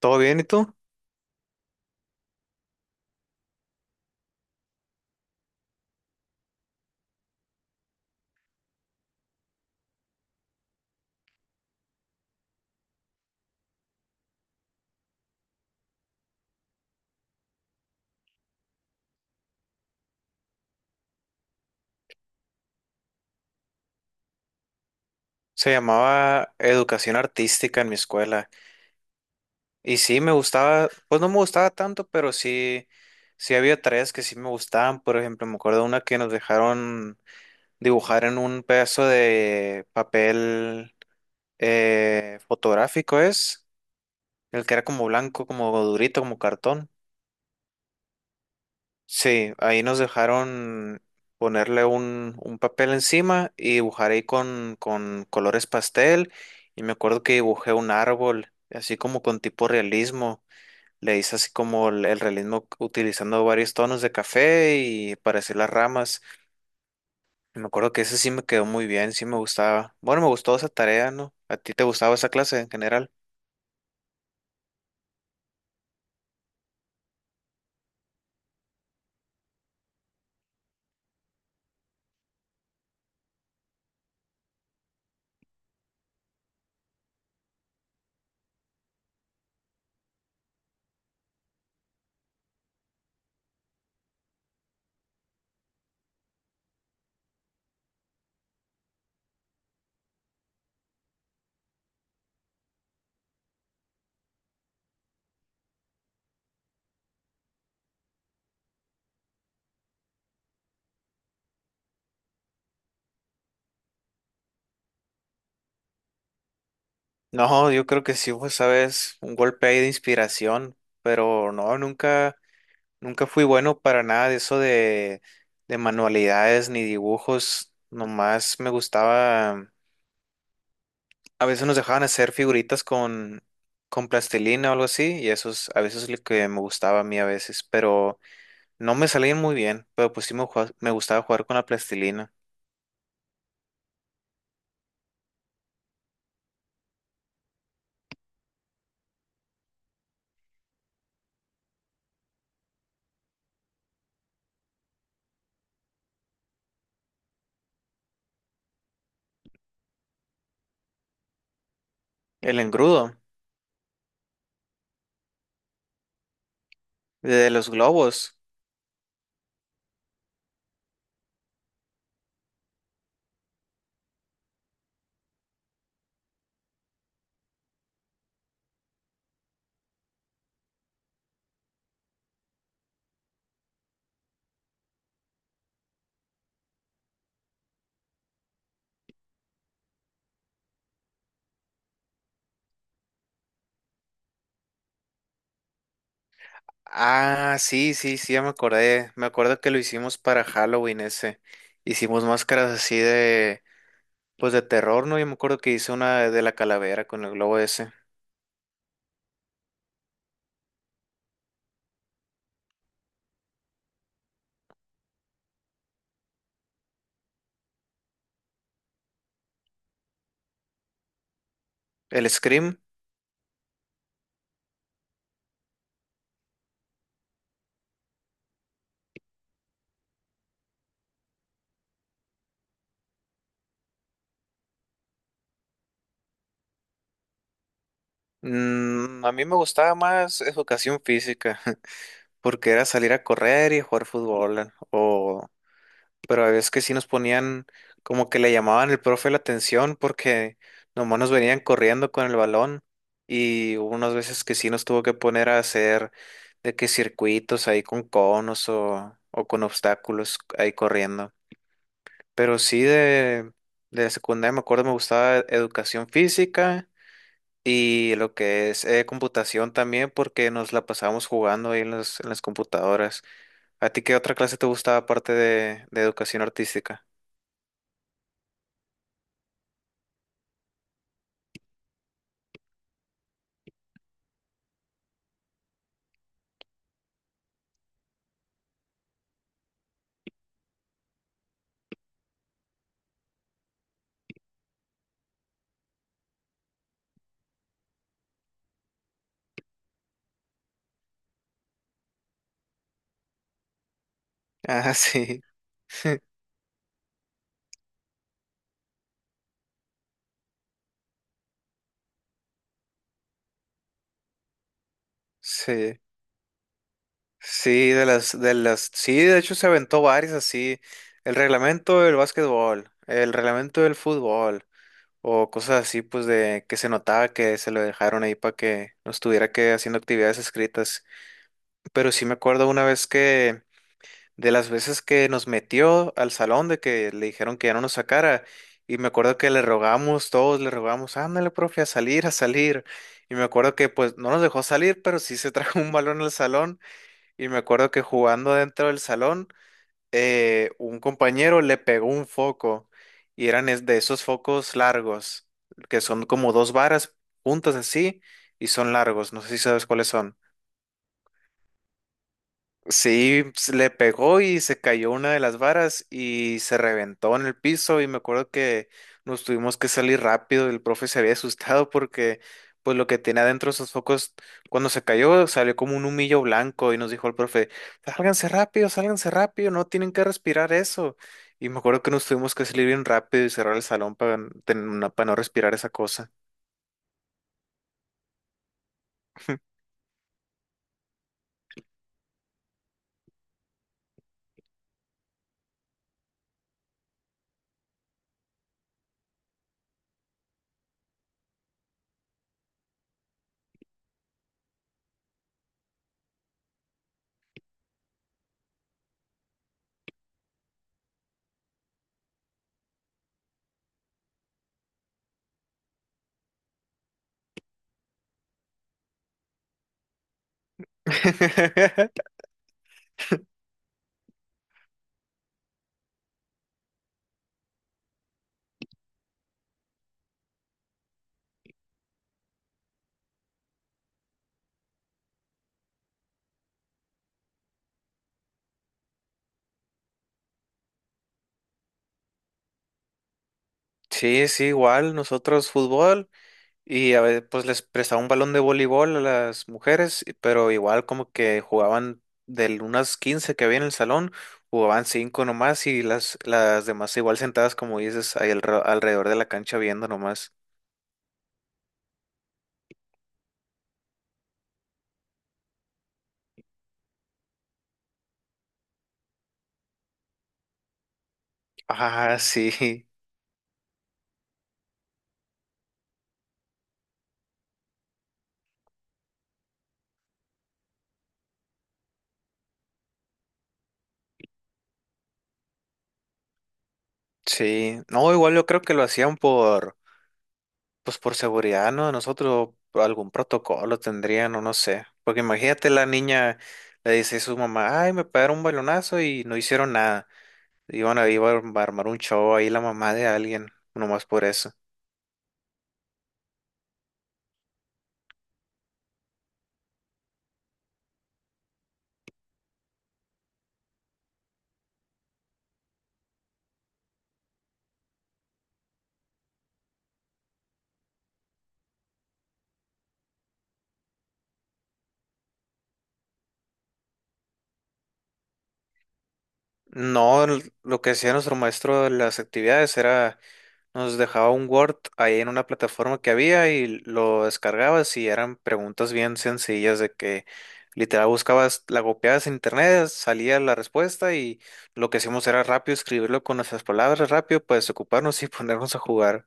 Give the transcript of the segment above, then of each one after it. ¿Todo bien y tú? Se llamaba educación artística en mi escuela. Y sí me gustaba, pues no me gustaba tanto, pero sí, sí había tareas que sí me gustaban. Por ejemplo, me acuerdo una que nos dejaron dibujar en un pedazo de papel fotográfico, es, el que era como blanco, como durito, como cartón. Sí, ahí nos dejaron ponerle un papel encima y dibujar ahí con colores pastel. Y me acuerdo que dibujé un árbol, así como con tipo realismo. Le hice así como el realismo utilizando varios tonos de café y para hacer las ramas. Y me acuerdo que ese sí me quedó muy bien, sí me gustaba. Bueno, me gustó esa tarea, ¿no? ¿A ti te gustaba esa clase en general? No, yo creo que sí fue, sabes, un golpe ahí de inspiración, pero no, nunca. Nunca fui bueno para nada de eso de manualidades ni dibujos. Nomás me gustaba. A veces nos dejaban hacer figuritas con plastilina o algo así. Y eso es a veces lo que me gustaba a mí a veces. Pero no me salían muy bien. Pero pues sí me, jua- me gustaba jugar con la plastilina. El engrudo de los globos. Ah, sí, sí, sí, ya me acordé. Me acuerdo que lo hicimos para Halloween ese. Hicimos máscaras así. Pues de terror, ¿no? Yo me acuerdo que hice una de la calavera con el globo ese. El Scream. A mí me gustaba más educación física, porque era salir a correr y jugar fútbol, o... Pero a veces que sí nos ponían, como que le llamaban el profe la atención, porque nomás nos venían corriendo con el balón, y hubo unas veces que sí nos tuvo que poner a hacer de que circuitos ahí con conos o con obstáculos ahí corriendo. Pero sí de secundaria me acuerdo me gustaba e-, educación física y lo que es computación también porque nos la pasábamos jugando ahí en las computadoras. ¿A ti qué otra clase te gustaba aparte de educación artística? Ah, sí. Sí, sí, de las, sí, de hecho se aventó varias así, el reglamento del básquetbol, el reglamento del fútbol, o cosas así, pues de que se notaba que se lo dejaron ahí para que no estuviera que haciendo actividades escritas. Pero sí me acuerdo una vez que, de las veces que nos metió al salón, de que le dijeron que ya no nos sacara, y me acuerdo que le rogamos todos, le rogamos, ándale, profe, a salir, a salir. Y me acuerdo que pues no nos dejó salir, pero sí se trajo un balón al salón, y me acuerdo que jugando dentro del salón, un compañero le pegó un foco, y eran es- de esos focos largos, que son como dos varas juntas así, y son largos, no sé si sabes cuáles son. Sí, se le pegó y se cayó una de las varas y se reventó en el piso y me acuerdo que nos tuvimos que salir rápido, el profe se había asustado porque pues lo que tenía adentro esos focos cuando se cayó salió como un humillo blanco y nos dijo el profe, sálganse rápido, no tienen que respirar eso. Y me acuerdo que nos tuvimos que salir bien rápido y cerrar el salón para no respirar esa cosa. Sí, sí, igual, nosotros fútbol. Y a veces pues les prestaba un balón de voleibol a las mujeres, y- pero igual como que jugaban de unas 15 que había en el salón, jugaban 5 nomás y las demás igual sentadas como dices ahí alre- alrededor de la cancha viendo nomás. Ah, sí, sí. No, igual yo creo que lo hacían por, pues por seguridad, ¿no? Nosotros algún protocolo tendrían o no sé. Porque imagínate la niña le dice a su mamá, ay, me pegaron un balonazo y no hicieron nada. Iban a, iba a armar un show ahí la mamá de alguien, nomás por eso. No, l- lo que hacía nuestro maestro de las actividades era, nos dejaba un Word ahí en una plataforma que había y lo descargabas y eran preguntas bien sencillas de que literal buscabas, la copiabas en internet, salía la respuesta y lo que hacíamos era rápido escribirlo con nuestras palabras rápido para desocuparnos y ponernos a jugar.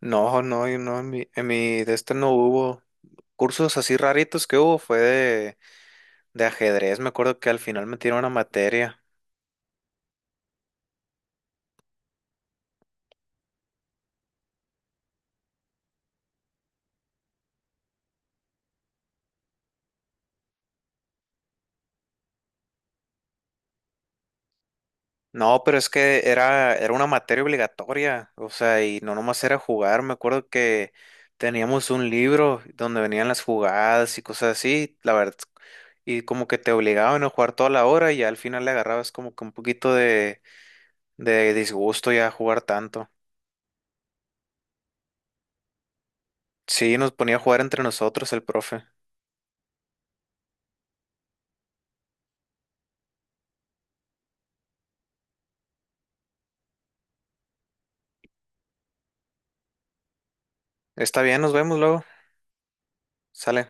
No, no, y no, en en mi de este no hubo cursos así raritos que hubo, fue de ajedrez, me acuerdo que al final metieron una materia. No, pero es que era, era una materia obligatoria, o sea, y no nomás era jugar, me acuerdo que teníamos un libro donde venían las jugadas y cosas así, la verdad, y como que te obligaban a jugar toda la hora y ya al final le agarrabas como que un poquito de disgusto ya a jugar tanto. Sí, nos ponía a jugar entre nosotros el profe. Está bien, nos vemos luego. Sale.